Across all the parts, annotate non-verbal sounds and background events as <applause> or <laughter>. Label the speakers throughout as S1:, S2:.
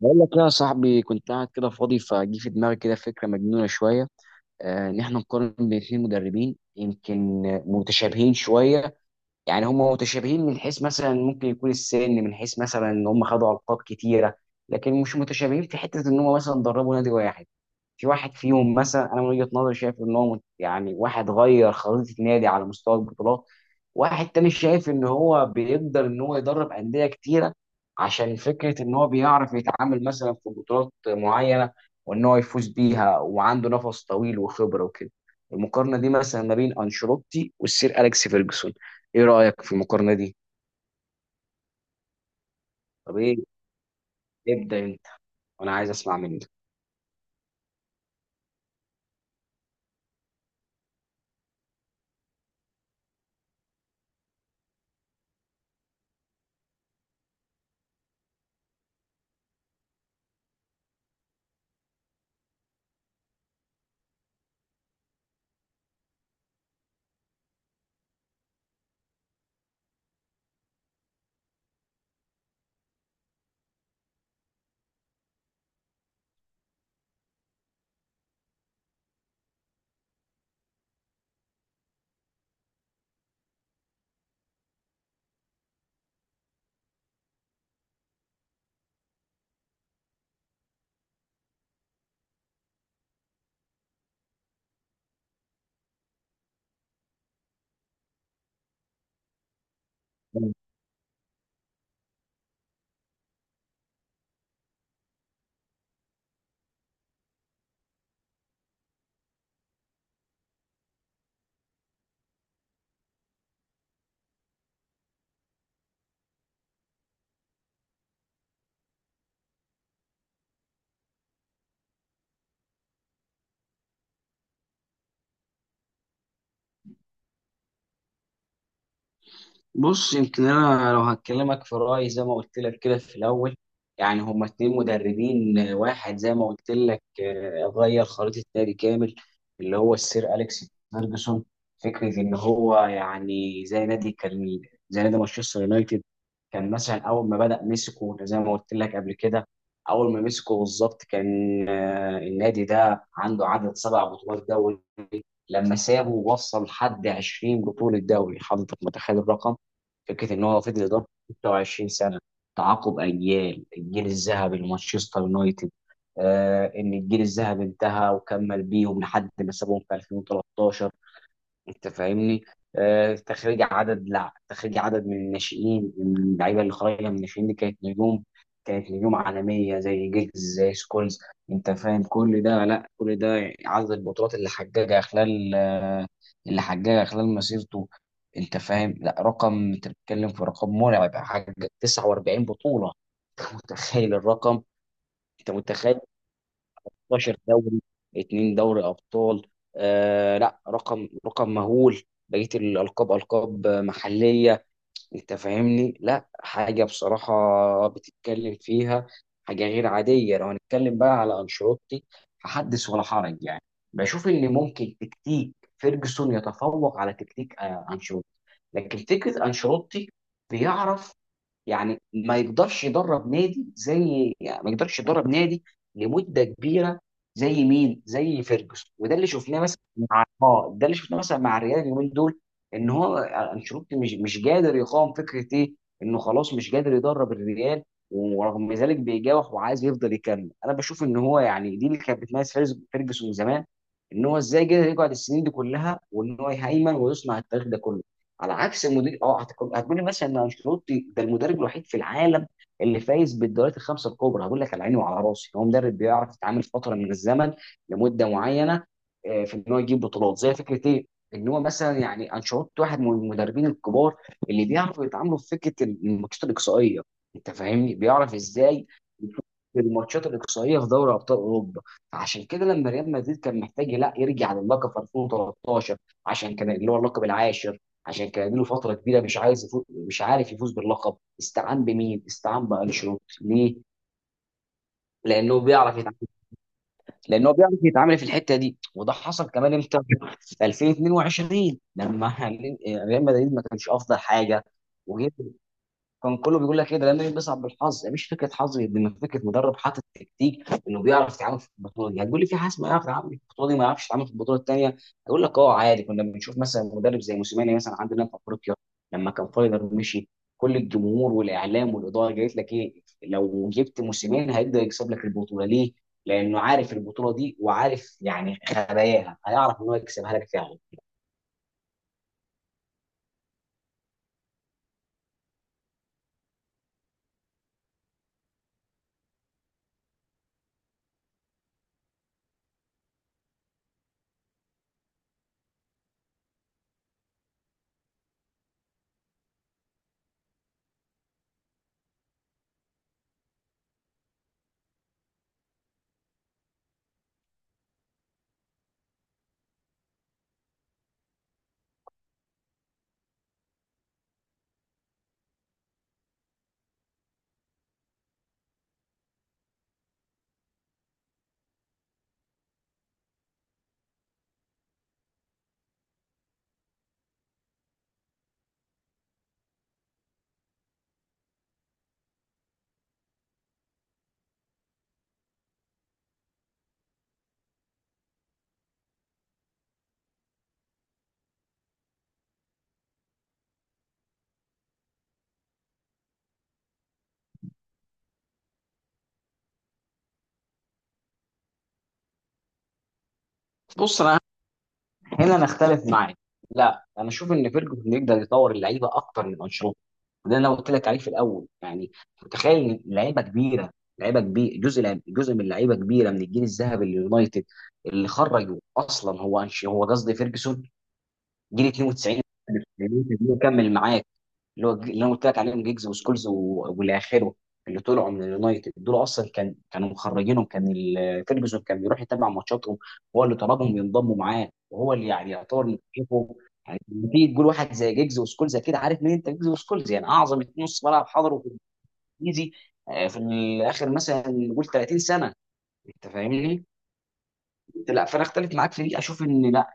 S1: بقول لك إيه يا صاحبي؟ كنت قاعد كده فاضي فجي في دماغي كده فكره مجنونه شويه. ان احنا نقارن بين اثنين مدربين يمكن متشابهين شويه. يعني هم متشابهين من حيث مثلا ممكن يكون السن، من حيث مثلا ان هم خدوا القاب كتيره، لكن مش متشابهين في حته ان هم مثلا دربوا نادي واحد. في واحد فيهم مثلا، انا من وجهة نظري شايف ان هو يعني واحد غير خريطة نادي على مستوى البطولات، واحد تاني شايف ان هو بيقدر ان هو يدرب أندية كتيرة، عشان فكرة ان هو بيعرف يتعامل مثلا في بطولات معينة وان هو يفوز بيها وعنده نفس طويل وخبرة وكده. المقارنة دي مثلا ما بين أنشيلوتي والسير أليكس فيرجسون، ايه رأيك في المقارنة دي؟ طب ايه، ابدأ انت، وانا عايز اسمع منك. بص، يمكن انا لو هكلمك في رايي زي ما قلت لك كده في الاول، يعني هما اتنين مدربين، واحد زي ما قلت لك غير خريطه نادي كامل، اللي هو السير اليكس فيرجسون. فكره ان هو يعني زي نادي كان، زي نادي مانشستر يونايتد، كان مثلا اول ما بدا مسكه زي ما قلت لك قبل كده. اول ما مسكه بالظبط كان النادي ده عنده عدد سبع بطولات دوري، لما سابه وصل لحد 20 بطوله دوري. حضرتك متخيل الرقم؟ فكره ان هو فضل يدرب 26 سنه، تعاقب اجيال الجيل الذهبي لمانشستر يونايتد. ان الجيل الذهبي انتهى وكمل بيهم لحد ما سابهم في 2013. انت فاهمني؟ تخريج عدد، لا، تخريج عدد من الناشئين، من اللعيبه اللي خارجه من الناشئين دي كانت نجوم، كانت نجوم عالميه زي جيجز، زي سكولز. انت فاهم كل ده؟ لا، كل ده عدد البطولات اللي حققها خلال اللي حققها خلال مسيرته. انت فاهم؟ لا، رقم، انت بتتكلم في رقم مرعب، حقق 49 بطوله. انت متخيل الرقم؟ انت متخيل، 16 دوري، اتنين دوري ابطال. لا رقم مهول. بقيه الالقاب القاب محليه. انت فاهمني؟ لا حاجه بصراحه بتتكلم فيها، حاجه غير عاديه. لو هنتكلم بقى على انشيلوتي فحدث ولا حرج يعني. بشوف ان ممكن تكتيك فيرجسون يتفوق على تكتيك انشيلوتي، لكن فكره انشيلوتي بيعرف يعني، ما يقدرش يدرب نادي زي، يعني ما يقدرش يدرب نادي لمده كبيره زي مين؟ زي فيرجسون. وده اللي شفناه مثلا مع اه ده اللي شفناه مثلا مع الريال اليومين دول، ان هو انشيلوتي مش قادر يقاوم فكره ايه؟ انه خلاص مش قادر يدرب الريال، ورغم ذلك بيجاوح وعايز يفضل يكمل. انا بشوف ان هو يعني دي اللي كانت بتميز فيرجسون زمان، ان هو ازاي قدر يقعد السنين دي كلها وان هو يهيمن ويصنع التاريخ ده كله، على عكس المدير. اه هتقول لي مثلا ان انشيلوتي ده المدرب الوحيد في العالم اللي فايز بالدوريات الخمسه الكبرى، هقول لك على عيني وعلى راسي، هو مدرب بيعرف يتعامل فتره من الزمن لمده معينه، في ان هو يجيب بطولات زي فكره ايه؟ ان هو مثلا، يعني انشيلوتي واحد من المدربين الكبار اللي بيعرفوا يتعاملوا في فكره الماتشات الاقصائيه. انت فاهمني؟ بيعرف ازاي يشوف الماتشات الاقصائيه في دوري ابطال اوروبا. عشان كده لما ريال مدريد كان محتاج لا يرجع للقب في 2013، عشان كان اللي هو اللقب العاشر، عشان كان له فتره كبيره مش عايز يفوز، مش عارف يفوز باللقب، استعان بمين؟ استعان بانشيلوتي. ليه؟ لانه بيعرف يتعامل، لانه بيعرف يتعامل في الحته دي. وده حصل كمان امتى؟ في 2022 لما <laughs> ريال مدريد ما كانش افضل حاجه وجه، كان كله بيقول لك ايه ده، لما بيصعب بالحظ، يعني مش فكره حظ، لما فكره مدرب حاطط تكتيك انه بيعرف يتعامل في البطوله دي. هتقول لي في حاسس ما يعرف يتعامل في البطوله دي، ما يعرفش يتعامل في البطوله الثانيه، هقول لك عادي. كنا بنشوف مثلا مدرب زي موسيماني مثلا عندنا في افريقيا، لما كان فايلر مشي، كل الجمهور والاعلام والاداره قالت لك ايه؟ لو جبت موسيماني هيقدر يكسب لك البطوله. ليه؟ لانه عارف البطوله دي، وعارف يعني خباياها، هيعرف ان هو يكسبها لك فعلا. بص انا هنا انا اختلف معاك، لا انا اشوف ان فيرجن يقدر يطور اللعيبه اكتر من انشيلوتي، وده اللي انا قلت لك عليه في الاول. يعني متخيل إن لعيبه كبيره، لعيبه كبير، جزء جزء من لعيبه كبيره من الجيل الذهبي لليونايتد، اللي خرجوا اصلا هو هو قصدي فيرجسون، جيل 92، كمل معاك، اللي هو اللي انا قلت لك عليهم جيجز وسكولز و- والى اخره. اللي طلعوا من اليونايتد دول اصلا كانوا مخرجينهم، كان فيرجسون كان بيروح يتابع ماتشاتهم، هو اللي طلبهم ينضموا معاه وهو اللي يعني يعتبر مكتشفهم. يعني لما تيجي تقول واحد زي جيجز وسكولز كده، عارف مين انت؟ جيجز وسكولز يعني اعظم اتنين نص ملعب حضروا في الانجليزي، في الاخر مثلا نقول 30 سنه. انت فاهمني؟ لا، فانا اختلف معاك في دي، اشوف ان لا.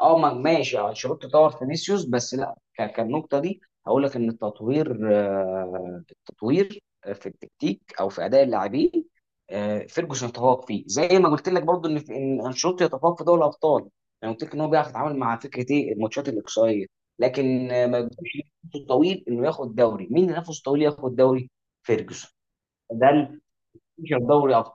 S1: اه ماشي، انشيلوتي طور فينيسيوس، بس لا، كالنقطه دي هقول لك ان التطوير، التطوير في التكتيك او في اداء اللاعبين، فيرجسون يتفوق فيه، زي ما قلت لك برضو ان انشيلوتي يتفوق في دوري الابطال. انا قلت لك ان هو بيعرف يتعامل مع فكره ايه؟ الماتشات الاقصائيه، لكن ما يقدرش ينافسه طويل انه ياخد دوري. مين اللي نفسه طويل ياخد دوري؟ فيرجسون. ده اللي بيشرب دوري ابطال.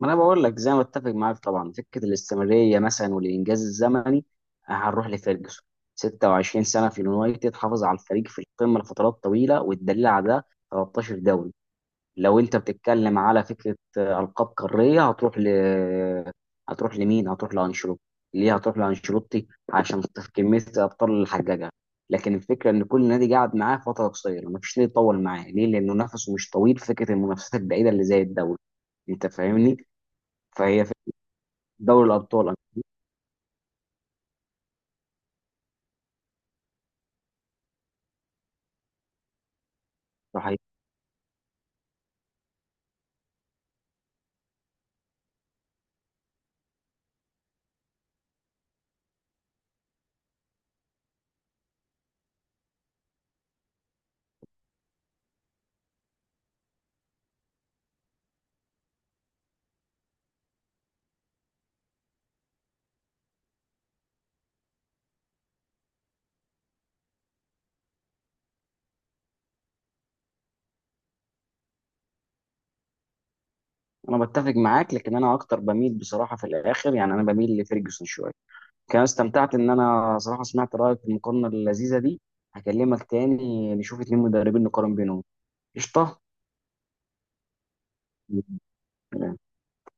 S1: ما انا بقول لك، زي ما اتفق معاك طبعا، فكره الاستمراريه مثلا والانجاز الزمني هنروح لفيرجسون، 26 سنه في اليونايتد حافظ على الفريق في القمه لفترات طويله، والدليل على ده 13 دوري. لو انت بتتكلم على فكره القاب قاريه هتروح ل، هتروح لمين؟ هتروح لانشيلوتي. ليه هتروح لانشيلوتي؟ عشان كميه الابطال اللي حققها. لكن الفكره ان كل نادي قاعد معاه فتره قصيره، مفيش نادي طول معاه. ليه؟ لانه نفسه مش طويل في فكره المنافسات البعيده اللي زي الدوري. انت فاهمني؟ فهي في دوري الابطال انا. صحيح، انا بتفق معاك، لكن انا اكتر بميل بصراحه في الاخر، يعني انا بميل لفيرجسون شويه. كان استمتعت ان انا صراحه سمعت رايك في المقارنه اللذيذه دي. هكلمك تاني نشوف اتنين مدربين نقارن بينهم. قشطه.